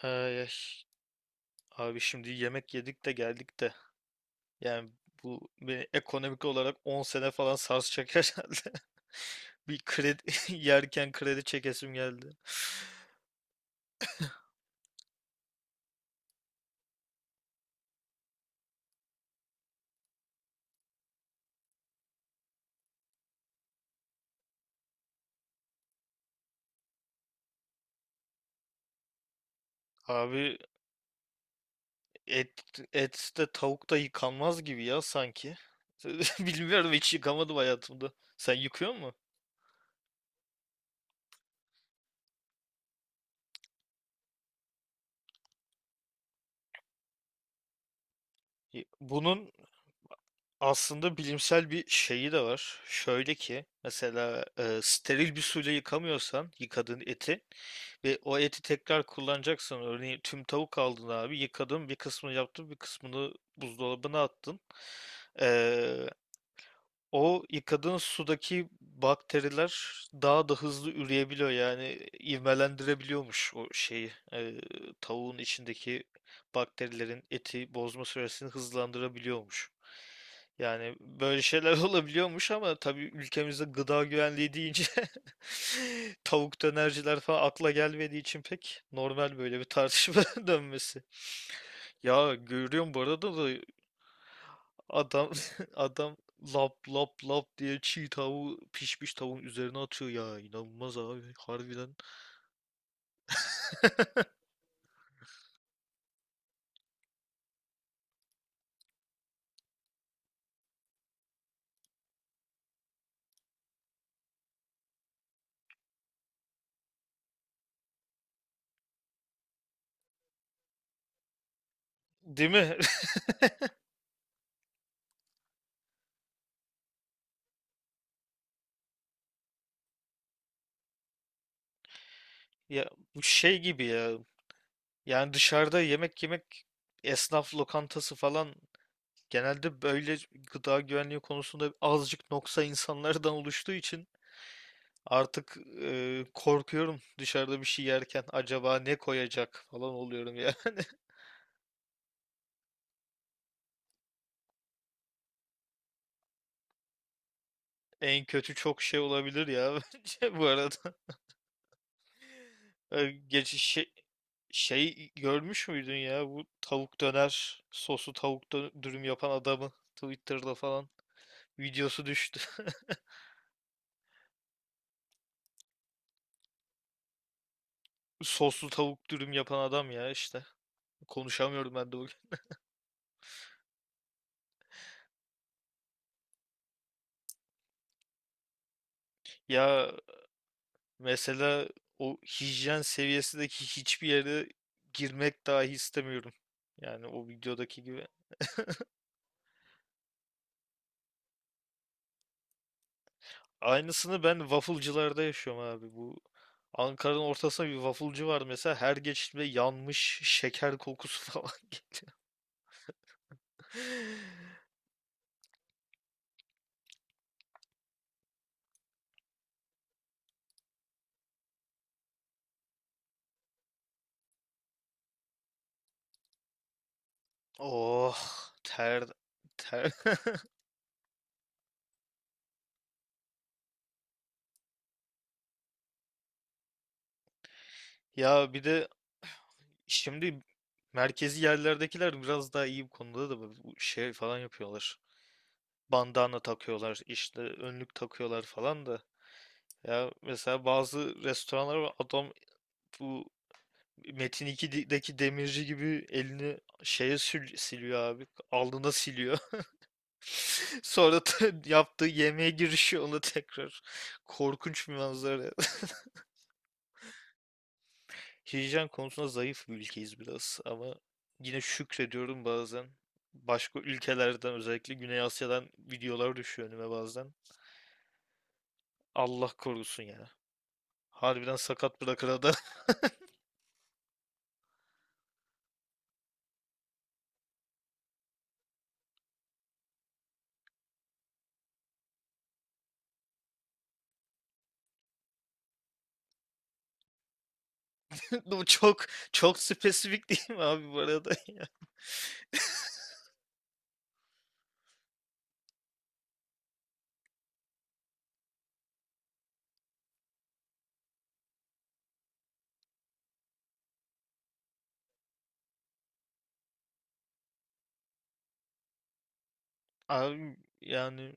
Ay, ay. Abi şimdi yemek yedik de geldik de. Yani bu beni ekonomik olarak 10 sene falan sarsacak herhalde. Bir kredi yerken kredi çekesim geldi. Abi et et de tavuk da yıkanmaz gibi ya sanki. Bilmiyorum, hiç yıkamadım hayatımda. Sen yıkıyor mu? Y- Bunun Aslında bilimsel bir şeyi de var. Şöyle ki mesela steril bir suyla yıkamıyorsan, yıkadığın eti ve o eti tekrar kullanacaksan, örneğin tüm tavuk aldın abi, yıkadın, bir kısmını yaptın, bir kısmını buzdolabına attın. O yıkadığın sudaki bakteriler daha da hızlı üreyebiliyor, yani ivmelendirebiliyormuş o şeyi. Tavuğun içindeki bakterilerin eti bozma süresini hızlandırabiliyormuş. Yani böyle şeyler olabiliyormuş, ama tabii ülkemizde gıda güvenliği deyince tavuk dönerciler falan akla gelmediği için pek normal böyle bir tartışma dönmesi. Ya, görüyorum bu arada da. Adam adam lap lap lap diye çiğ tavuğu pişmiş tavuğun üzerine atıyor ya, inanılmaz abi, harbiden. Değil mi? Ya, bu şey gibi ya. Yani dışarıda yemek yemek, esnaf lokantası falan, genelde böyle gıda güvenliği konusunda azıcık noksa insanlardan oluştuğu için artık korkuyorum dışarıda bir şey yerken, acaba ne koyacak falan oluyorum yani. En kötü çok şey olabilir ya, bence bu arada. E, Geç şey, Şey görmüş müydün ya, bu tavuk döner soslu tavuk dürüm yapan adamı, Twitter'da falan videosu düştü. Soslu tavuk dürüm yapan adam ya işte. Konuşamıyorum ben de bugün. Ya mesela o hijyen seviyesindeki hiçbir yere girmek dahi istemiyorum. Yani o videodaki gibi. Aynısını ben waffle'cılarda yaşıyorum abi. Ankara'nın ortasında bir waffle'cı var mesela. Her geçişimde yanmış şeker kokusu falan geliyor. Oh, ter ter. Ya bir de şimdi merkezi yerlerdekiler biraz daha iyi bu konuda da, bu şey falan yapıyorlar. Bandana takıyorlar, işte önlük takıyorlar falan da. Ya mesela bazı restoranlar var, adam, bu Metin 2'deki demirci gibi elini şeye siliyor abi. Alnına siliyor. Sonra da yaptığı yemeğe girişiyor ona tekrar. Korkunç bir manzara. Hijyen konusunda zayıf bir ülkeyiz biraz, ama yine şükrediyorum bazen. Başka ülkelerden, özellikle Güney Asya'dan videolar düşüyor önüme bazen. Allah korusun ya. Harbiden sakat bırakır adam. Bu çok spesifik değil mi abi, bu arada ya? Abi yani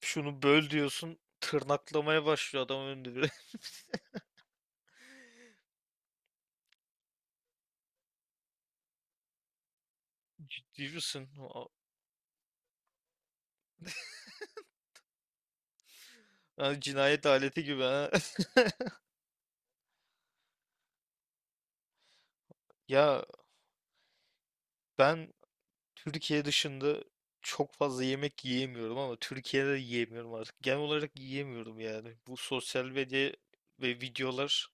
şunu böl diyorsun, tırnaklamaya başlıyor adam önünde bile. Ciddi misin? O- Yani cinayet aleti gibi, ha. Ya ben Türkiye dışında çok fazla yemek yiyemiyorum, ama Türkiye'de de yiyemiyorum artık. Genel olarak yiyemiyorum yani. Bu sosyal medya ve videolar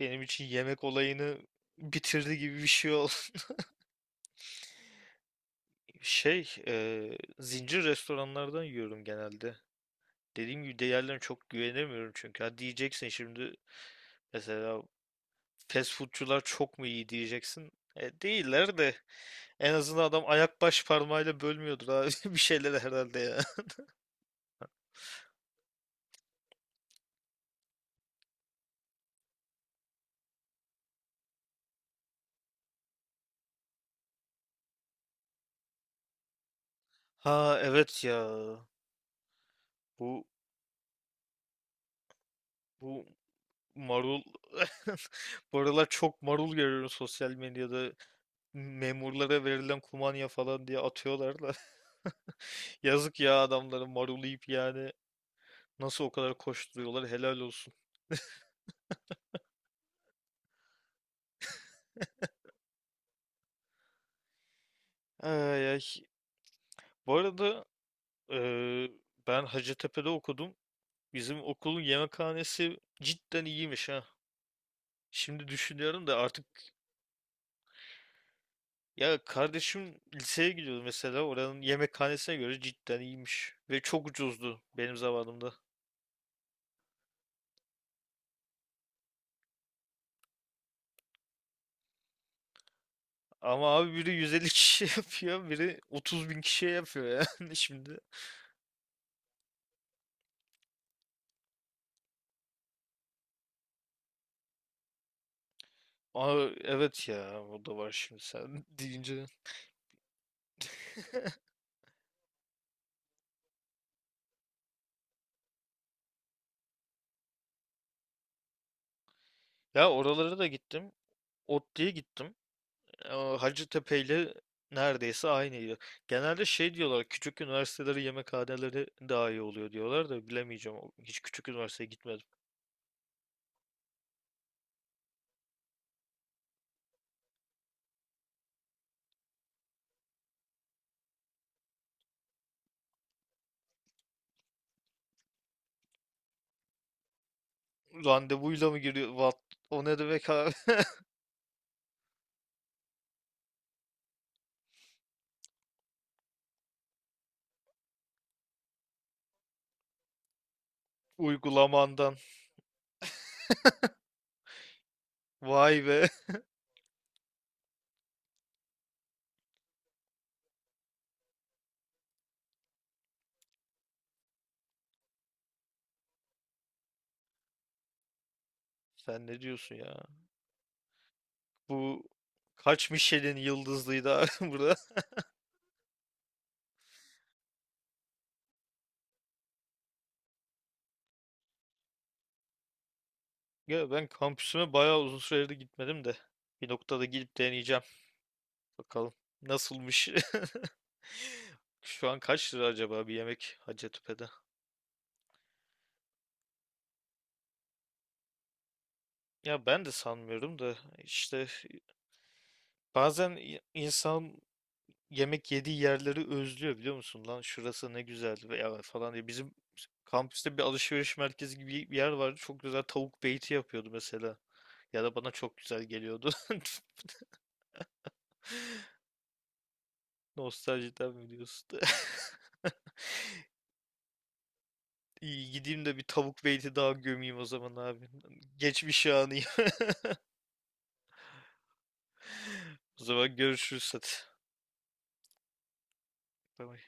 benim için yemek olayını bitirdi gibi bir şey oldu. Zincir restoranlardan yiyorum genelde. Dediğim gibi değerlerine çok güvenemiyorum çünkü. Ha, diyeceksin şimdi mesela, fast foodcular çok mu iyi diyeceksin. Değiller de en azından adam ayak baş parmağıyla bölmüyordur abi bir şeyler herhalde ya. Ha, evet ya. Bu bu marul, bu aralar çok marul görüyorum sosyal medyada. Memurlara verilen kumanya falan diye atıyorlar da. Yazık ya, adamların marul yiyip yani nasıl o kadar koşturuyorlar, helal olsun. Ay, ay. Bu arada eee, ben Hacettepe'de okudum. Bizim okulun yemekhanesi cidden iyiymiş ha. Şimdi düşünüyorum da artık. Ya kardeşim liseye gidiyordu mesela, oranın yemekhanesine göre cidden iyiymiş. Ve çok ucuzdu benim zamanımda. Ama abi, biri 150 kişiye yapıyor, biri 30 bin kişiye yapıyor yani şimdi. Aa, evet ya, o da var şimdi sen deyince. Ya, oralara da gittim. Otlu'ya gittim. Aa, Hacettepe ile neredeyse aynıydı. Genelde şey diyorlar, küçük üniversiteleri yemekhaneleri daha iyi oluyor diyorlar da, bilemeyeceğim. Hiç küçük üniversiteye gitmedim. Randevuyla mı giriyor? What? O ne demek abi? Uygulamandan. Vay be. Sen ne diyorsun ya? Bu kaç Michelin yıldızlıydı abi burada? Ya ben kampüsüme bayağı uzun süredir gitmedim de. Bir noktada gidip deneyeceğim. Bakalım nasılmış. Şu an kaç lira acaba bir yemek Hacettepe'de? Ya ben de sanmıyorum da, işte bazen insan yemek yediği yerleri özlüyor, biliyor musun? Lan şurası ne güzel veya falan diye. Bizim kampüste bir alışveriş merkezi gibi bir yer vardı. Çok güzel tavuk beyti yapıyordu mesela. Ya da bana çok güzel geliyordu. Nostaljiden mi diyorsun? İyi gideyim de bir tavuk beyti daha gömeyim o zaman abi. Geçmiş anıyım. O zaman görüşürüz, hadi. Bay bay.